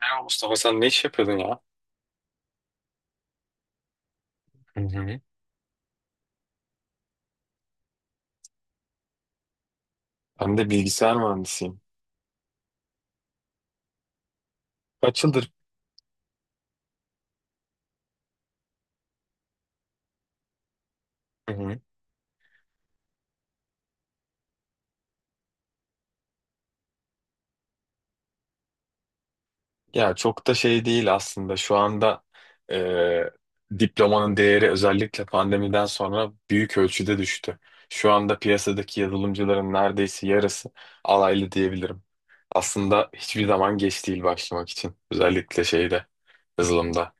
Merhaba Mustafa, sen ne iş yapıyordun ya? Hı hı. Ben de bilgisayar mühendisiyim. Kaç yıldır? Hı hı. Ya çok da şey değil aslında. Şu anda e, diplomanın değeri özellikle pandemiden sonra büyük ölçüde düştü. Şu anda piyasadaki yazılımcıların neredeyse yarısı alaylı diyebilirim. Aslında hiçbir zaman geç değil başlamak için. Özellikle şeyde, yazılımda.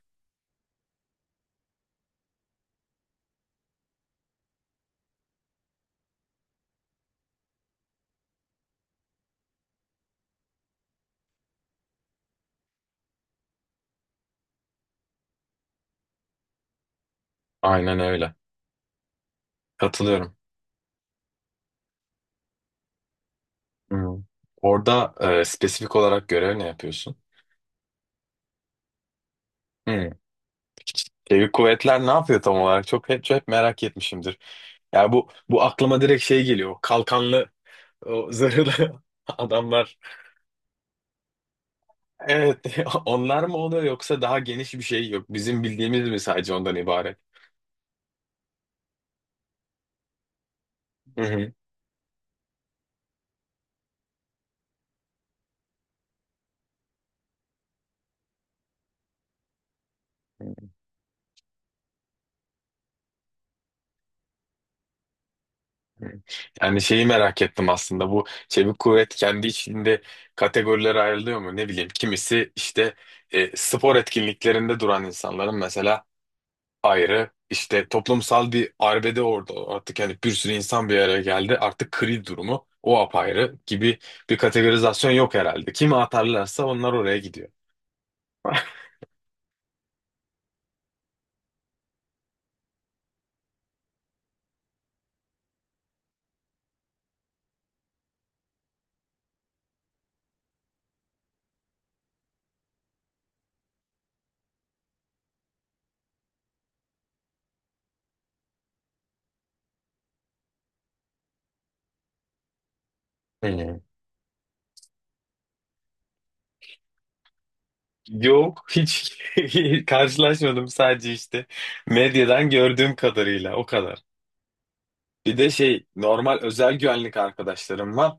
Aynen öyle. Katılıyorum. Hı. Orada spesifik olarak görev ne yapıyorsun? Hı. Çevik kuvvetler ne yapıyor tam olarak? Çok hep merak etmişimdir. Ya bu aklıma direkt şey geliyor. Kalkanlı o zırhlı adamlar. Evet, onlar mı oluyor yoksa daha geniş bir şey yok. Bizim bildiğimiz mi sadece ondan ibaret? Hı hı. Yani şeyi merak ettim aslında. Bu çevik kuvvet kendi içinde kategorilere ayrılıyor mu? Ne bileyim. Kimisi işte spor etkinliklerinde duran insanların mesela ayrı. İşte toplumsal bir arbede orada artık, yani bir sürü insan bir araya geldi. Artık kril durumu o apayrı gibi bir kategorizasyon yok herhalde. Kimi atarlarsa onlar oraya gidiyor. Hmm. Yok, hiç karşılaşmadım, sadece işte medyadan gördüğüm kadarıyla o kadar. Bir de şey, normal özel güvenlik arkadaşlarım var.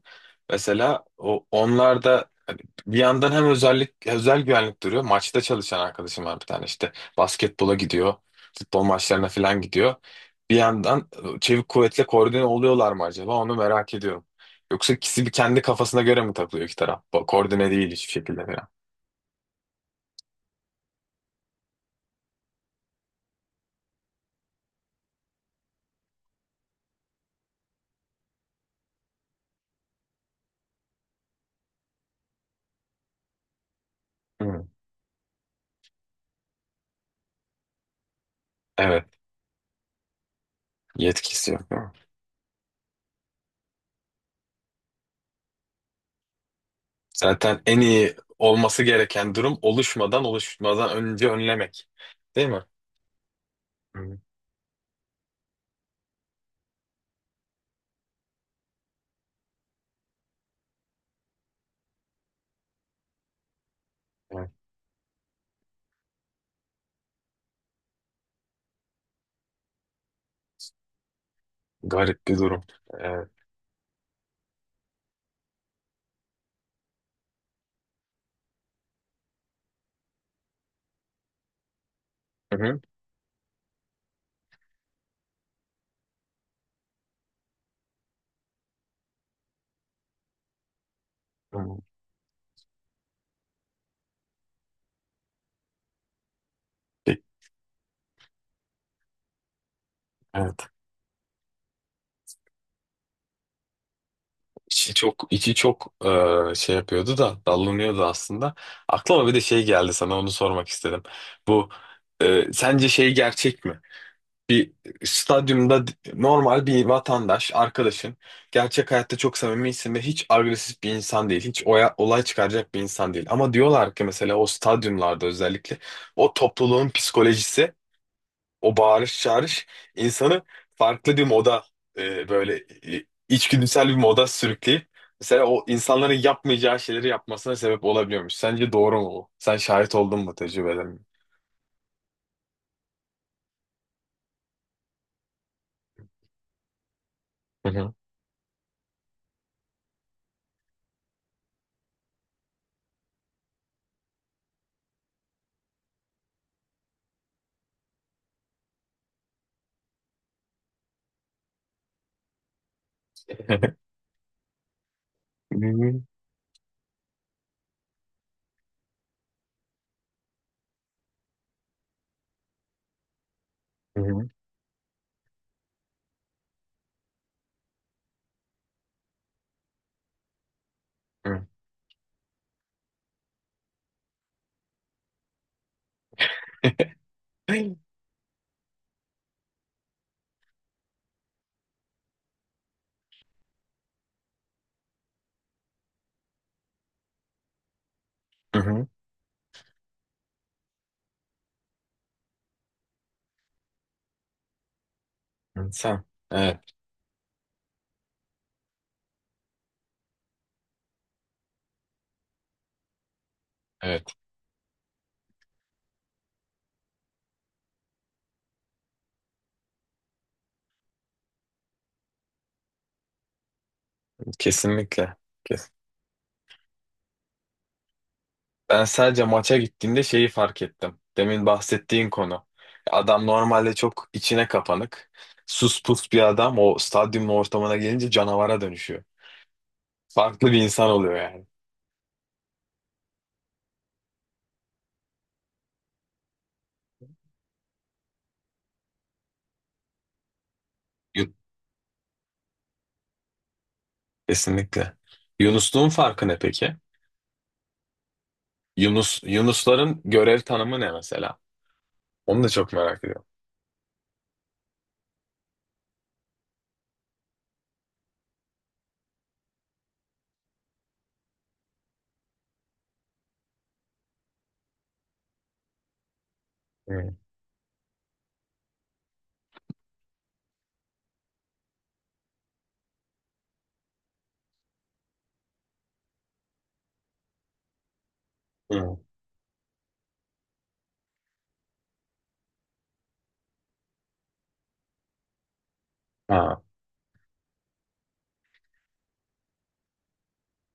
Mesela onlar da hani bir yandan hem özel güvenlik duruyor. Maçta çalışan arkadaşım var, bir tane işte basketbola gidiyor, futbol maçlarına falan gidiyor. Bir yandan çevik kuvvetle koordine oluyorlar mı acaba, onu merak ediyorum. Yoksa ikisi bir kendi kafasına göre mi takılıyor iki taraf? Bu koordine değil hiçbir şekilde falan. Hı. Evet. Yetkisi yok, değil mi? Zaten en iyi olması gereken durum oluşmadan önce önlemek. Değil mi? Hı. Evet. Garip bir durum. Evet. Hı hı. Hı. Peki, evet. İçi çok şey yapıyordu da dallanıyordu aslında. Aklıma bir de şey geldi, sana onu sormak istedim. Bu, sence şey gerçek mi? Bir stadyumda normal bir vatandaş, arkadaşın gerçek hayatta çok samimisin ve hiç agresif bir insan değil. Hiç olay çıkaracak bir insan değil. Ama diyorlar ki mesela o stadyumlarda özellikle o topluluğun psikolojisi, o bağırış çağırış insanı farklı bir moda, böyle içgüdüsel bir moda sürükleyip mesela o insanların yapmayacağı şeyleri yapmasına sebep olabiliyormuş. Sence doğru mu bu? Sen şahit oldun mu, tecrübelerin? Hı hı. Hı hı. Hı hı. Hı hı. Sen. Evet, evet. Kesinlikle. Ben sadece maça gittiğimde şeyi fark ettim. Demin bahsettiğin konu. Adam normalde çok içine kapanık, sus pus bir adam, o stadyumun ortamına gelince canavara dönüşüyor. Farklı bir insan oluyor yani. Yu- Kesinlikle. Yunusluğun farkı ne peki? Yunusların görev tanımı ne mesela? Onu da çok merak ediyorum. Hmm. Hmm. Ha.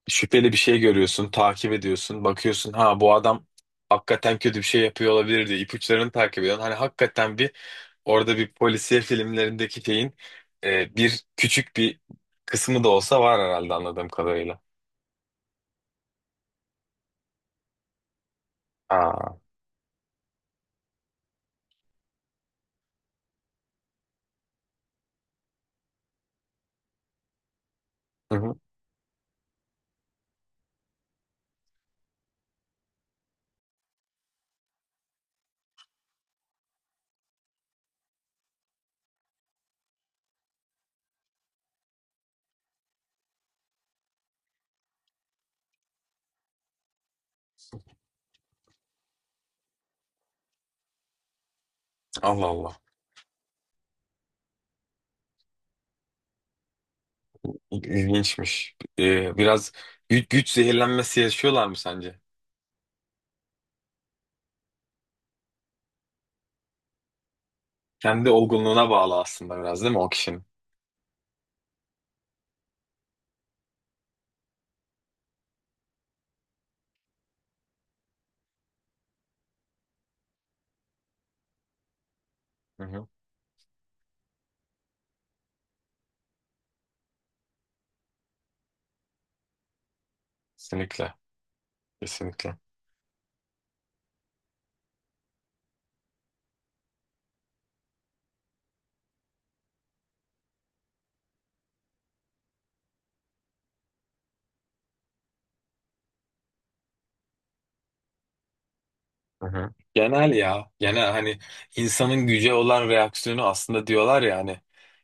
Şüpheli bir şey görüyorsun, takip ediyorsun, bakıyorsun, ha, bu adam hakikaten kötü bir şey yapıyor olabilir diye ipuçlarını takip ediyorsun. Hani hakikaten bir, orada bir polisiye filmlerindeki şeyin, bir küçük bir kısmı da olsa var herhalde, anladığım kadarıyla. Aa. Hı hı. Allah Allah. İlginçmiş. E, biraz güç zehirlenmesi yaşıyorlar mı sence? Kendi olgunluğuna bağlı aslında biraz, değil mi o kişinin? Hı hı. Kesinlikle. Kesinlikle. Hı hı. Genel ya. Genel, hani insanın güce olan reaksiyonu aslında, diyorlar ya hani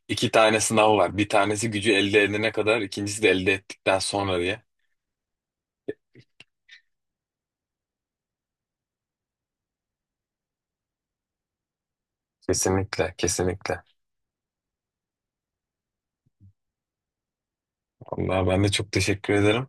iki tane sınav var. Bir tanesi gücü elde edene kadar, ikincisi de elde ettikten sonra diye. Kesinlikle, kesinlikle. Vallahi ben de çok teşekkür ederim.